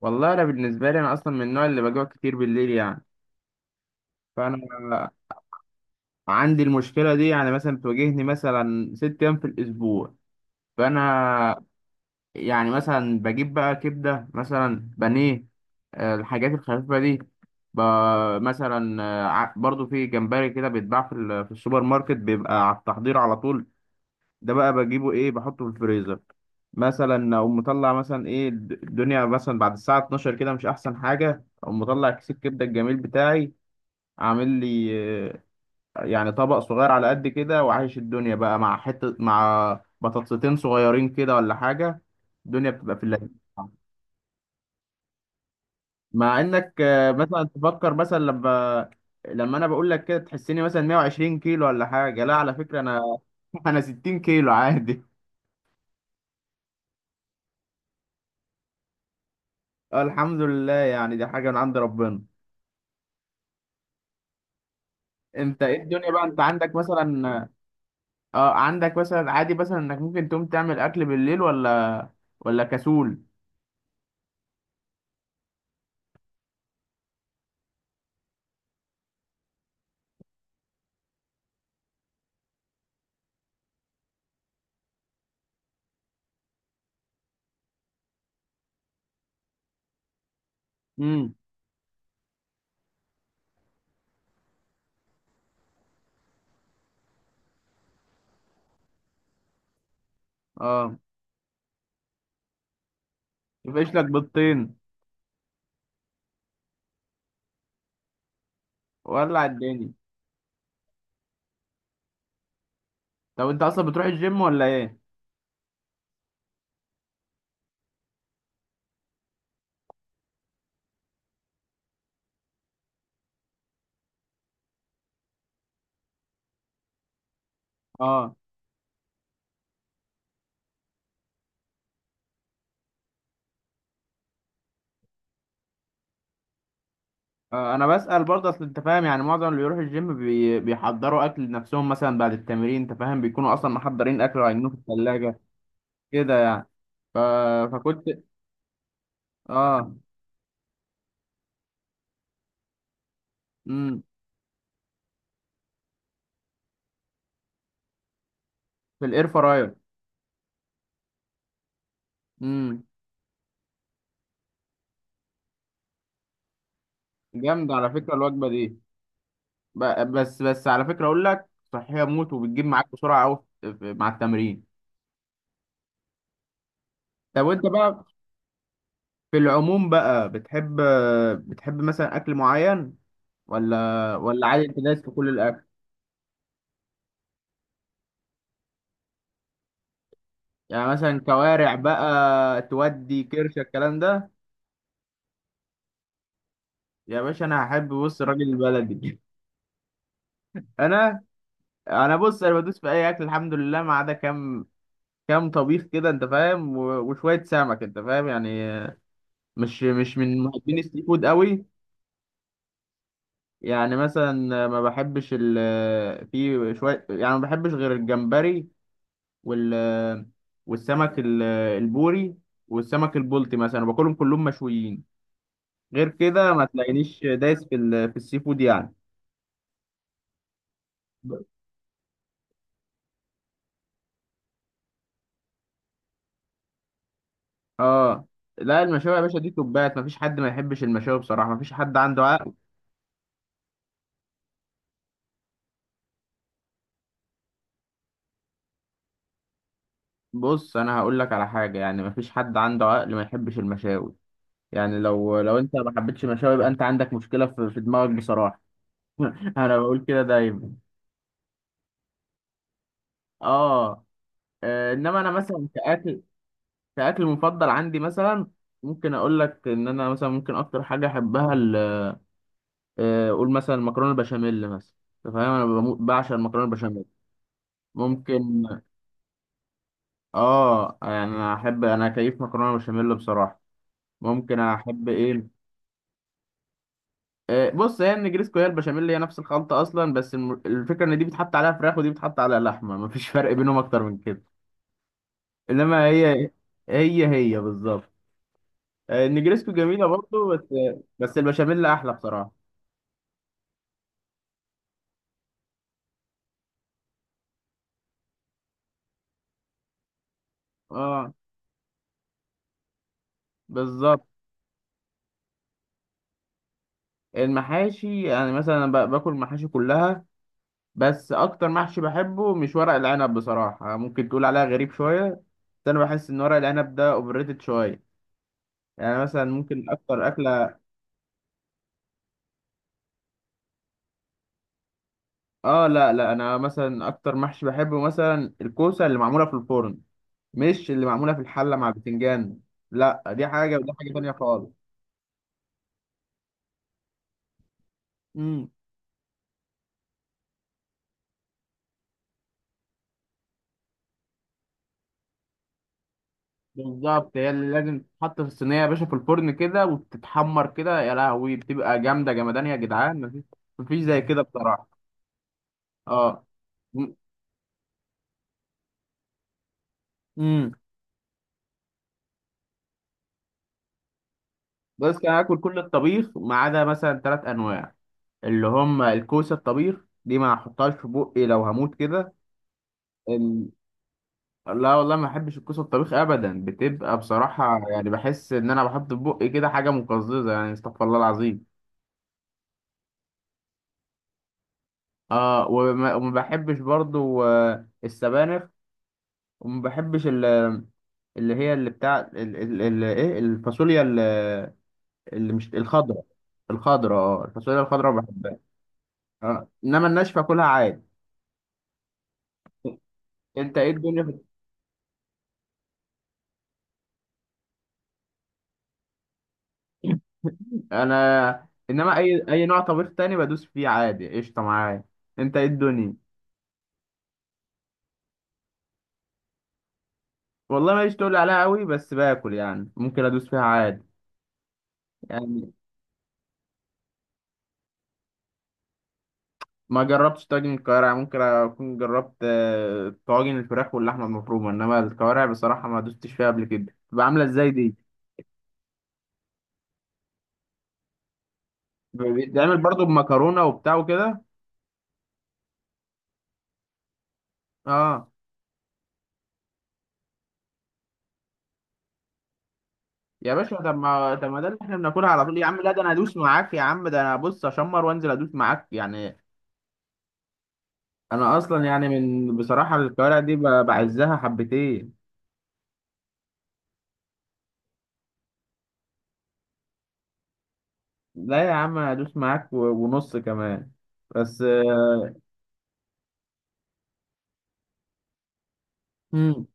والله انا بالنسبه لي انا اصلا من النوع اللي بجوع كتير بالليل يعني، فانا عندي المشكله دي يعني مثلا بتواجهني مثلا 6 ايام في الاسبوع. فانا يعني مثلا بجيب بقى كبده مثلا بانيه، الحاجات الخفيفه دي، ب- مثلا برضو في جمبري كده بيتباع في السوبر ماركت بيبقى على التحضير على طول. ده بقى بجيبه ايه، بحطه في الفريزر مثلا. او مطلع مثلا ايه الدنيا مثلا بعد الساعه 12 كده مش احسن حاجه، او مطلع كيس الكبده الجميل بتاعي عامل لي يعني طبق صغير على قد كده، وعايش الدنيا بقى مع حته مع بطاطستين صغيرين كده ولا حاجه. الدنيا بتبقى في اللذيذ. مع انك مثلا تفكر مثلا لما انا بقول لك كده تحسني مثلا 120 كيلو ولا حاجه، لا على فكره انا انا 60 كيلو عادي. اه الحمد لله، يعني دي حاجة من عند ربنا. انت ايه الدنيا بقى؟ انت عندك مثلا اه عندك مثلا عادي مثلا انك ممكن تقوم تعمل اكل بالليل ولا كسول؟ امم اه. يفقش لك بيضتين. ولع الدنيا. طب انت اصلا بتروح الجيم ولا ايه؟ اه اه، انا بسأل برضه، اصل انت فاهم يعني معظم اللي بيروح الجيم بيحضروا اكل لنفسهم مثلا بعد التمرين. انت فاهم بيكونوا اصلا محضرين اكل وعينوه في الثلاجة كده يعني. ف... فكنت اه امم في الاير فراير. امم جامدة على فكرة الوجبة دي. بس على فكرة أقول لك، صحية موت وبتجيب معاك بسرعة أوي مع التمرين. طب وأنت بقى في العموم بقى بتحب مثلا أكل معين ولا عادي؟ أنت دايس في كل الأكل؟ يعني مثلا كوارع بقى تودي كرشة الكلام ده؟ يا باشا أنا هحب بص الراجل البلدي. أنا أنا بص، أنا بدوس في أي أكل الحمد لله، ما عدا كام طبيخ كده أنت فاهم، وشوية سمك أنت فاهم يعني. مش من محبين السي فود قوي، يعني مثلا ما بحبش في شوية، يعني ما بحبش غير الجمبري وال والسمك البوري والسمك البلطي مثلا، باكلهم كلهم مشويين. غير كده ما تلاقينيش دايس في السي فود يعني. اه. لا المشاوي يا باشا دي توبات، مفيش حد ما يحبش المشاوي بصراحة، مفيش حد عنده عقل. بص انا هقول لك على حاجة، يعني مفيش حد عنده عقل ما يحبش المشاوي، يعني لو انت ما حبيتش المشاوي يبقى انت عندك مشكلة في دماغك بصراحة. انا بقول كده دايما. اه انما انا مثلا كاكل، مفضل عندي مثلا، ممكن اقول لك ان انا مثلا ممكن اكتر حاجه احبها اقول مثلا مكرونه البشاميل مثلا. انت فاهم، انا بعشق المكرونه البشاميل. ممكن اه يعني انا احب، انا كيف مكرونه بشاميل بصراحه. ممكن احب ايه؟ بص، هي النجريسكو هي البشاميل، هي نفس الخلطه اصلا، بس الفكره ان دي بتحط عليها فراخ ودي بتحط عليها لحمه، مفيش فرق بينهم اكتر من كده. انما هي هي هي بالظبط. النجريسكو جميلة برضه بس، بس البشاميل أحلى بصراحة. اه، بالظبط. المحاشي يعني مثلا، أنا باكل المحاشي كلها. بس أكتر محشي بحبه مش ورق العنب بصراحة، ممكن تقول عليها غريب شوية. بس أنا بحس إن ورق العنب ده أوفر ريتد شوية. يعني مثلا ممكن أكتر أكلة اه، لا أنا مثلا أكتر محشي بحبه مثلا الكوسة اللي معمولة في الفرن، مش اللي معمولة في الحلة مع البتنجان. لا، دي حاجة ودي حاجة تانية خالص. بالظبط، هي اللي لازم تتحط في الصينيه يا باشا في الفرن كده وتتحمر كده. يا لهوي بتبقى جامده جمدان يا جدعان، مفيش زي كده بصراحه. اه. امم بس كان هاكل كل الطبيخ ما عدا مثلا 3 انواع، اللي هم الكوسه الطبيخ دي ما احطهاش في بقي لو هموت كده. ال... لا والله ما احبش الكوسه الطبيخ ابدا، بتبقى بصراحه، يعني بحس ان انا بحط في بقي كده حاجه مقززه، يعني استغفر الله العظيم. اه، وما بحبش برضو السبانخ. وما بحبش اللي هي اللي بتاع ايه الفاصوليا اللي مش الخضراء، الخضراء. اه الفاصوليا الخضراء بحبها، اه. انما الناشفه كلها عادي. انت ايه الدنيا انا، انما اي نوع طبيخ تاني بدوس فيه عادي، قشطه معايا. انت ايه الدنيا. والله ماليش تقول عليها قوي، بس باكل يعني ممكن ادوس فيها عادي. يعني ما جربتش طاجن الكوارع. ممكن اكون جربت طواجن الفراخ واللحمه المفرومه، انما الكوارع بصراحه ما دوستش فيها قبل كده. بتبقى عامله ازاي دي؟ بيتعمل برضو بمكرونه وبتاع وكده؟ اه يا باشا، طب ما ده اللي احنا بناكلها على طول يا عم. لا ده انا ادوس معاك يا عم، ده انا بص اشمر وانزل ادوس معاك يعني. انا اصلا يعني من بصراحه الكوارع دي بعزها حبتين. لا يا عم انا ادوس معاك ونص كمان. بس مم.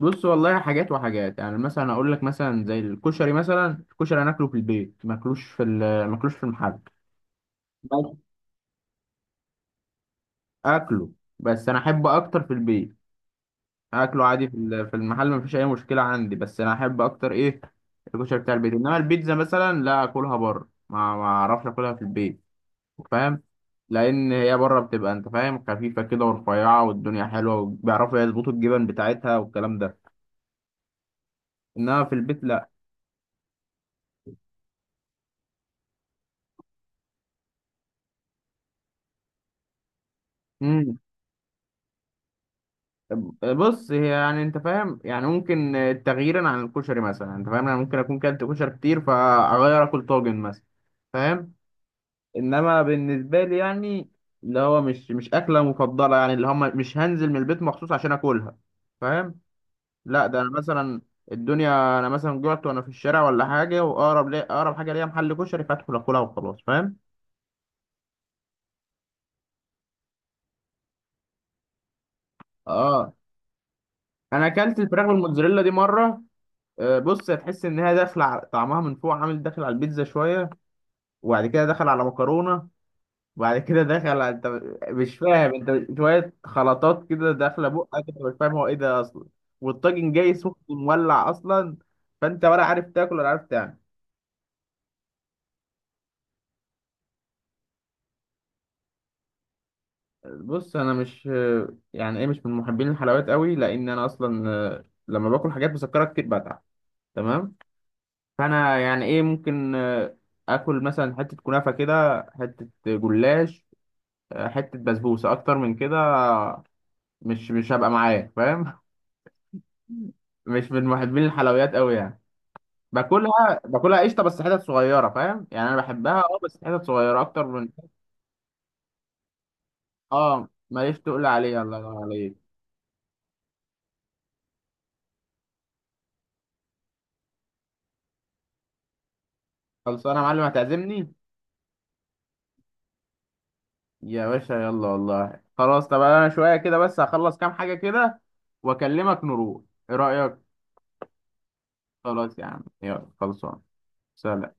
بص والله حاجات وحاجات يعني، مثلا اقول لك مثلا زي الكشري مثلا. الكشري انا اكله في البيت، ماكلوش ماكلوش في المحل. بس اكله. بس انا احبه اكتر في البيت. اكله عادي في المحل، مفيش اي مشكله عندي، بس انا احب اكتر ايه الكشري بتاع البيت. انما البيتزا مثلا لا، اكلها بره، ما اعرفش اكلها في البيت فاهم. لان هي بره بتبقى انت فاهم خفيفه كده ورفيعه والدنيا حلوه وبيعرفوا يظبطوا الجبن بتاعتها والكلام ده، انما في البيت لا. امم بص هي يعني انت فاهم، يعني ممكن تغييرا عن الكشري مثلا انت فاهم، انا ممكن اكون كلت كشري كتير فاغير اكل طاجن مثلا، فاهم. انما بالنسبه لي يعني، اللي هو مش اكله مفضله يعني، اللي هم مش هنزل من البيت مخصوص عشان اكلها فاهم. لا ده انا مثلا الدنيا، انا مثلا جعت وانا في الشارع ولا حاجه واقرب لي اقرب حاجه ليا محل كشري فادخل اكلها وخلاص فاهم. اه انا اكلت الفراخ بالموتزاريلا دي مره. بص هتحس انها طعمها من فوق عامل داخل على البيتزا شويه، وبعد كده دخل على مكرونه، وبعد كده دخل، انت مش فاهم، انت شويه خلطات كده داخله بقك، انت مش فاهم هو ايه ده اصلا. والطاجن جاي سخن مولع اصلا، فانت ولا عارف تاكل ولا عارف تعمل. بص انا مش، يعني ايه، مش من محبين الحلويات قوي، لان انا اصلا لما باكل حاجات مسكره كتير بتعب، تمام. فانا يعني ايه ممكن اكل مثلا حته كنافه كده، حته جلاش، حته بسبوسه، اكتر من كده مش هبقى معايا فاهم. مش من محبين الحلويات قوي يعني. باكلها قشطه بس حتت صغيره فاهم يعني. انا بحبها اه بس حتت صغيره اكتر من، اه ماليش تقول عليها. الله ينور عليك. خلصانه يا معلم هتعزمني؟ يا باشا يلا والله خلاص. طب انا شويه كده بس هخلص كام حاجه كده واكلمك نروح. ايه رايك؟ خلاص يا عم يلا خلصان. سلام.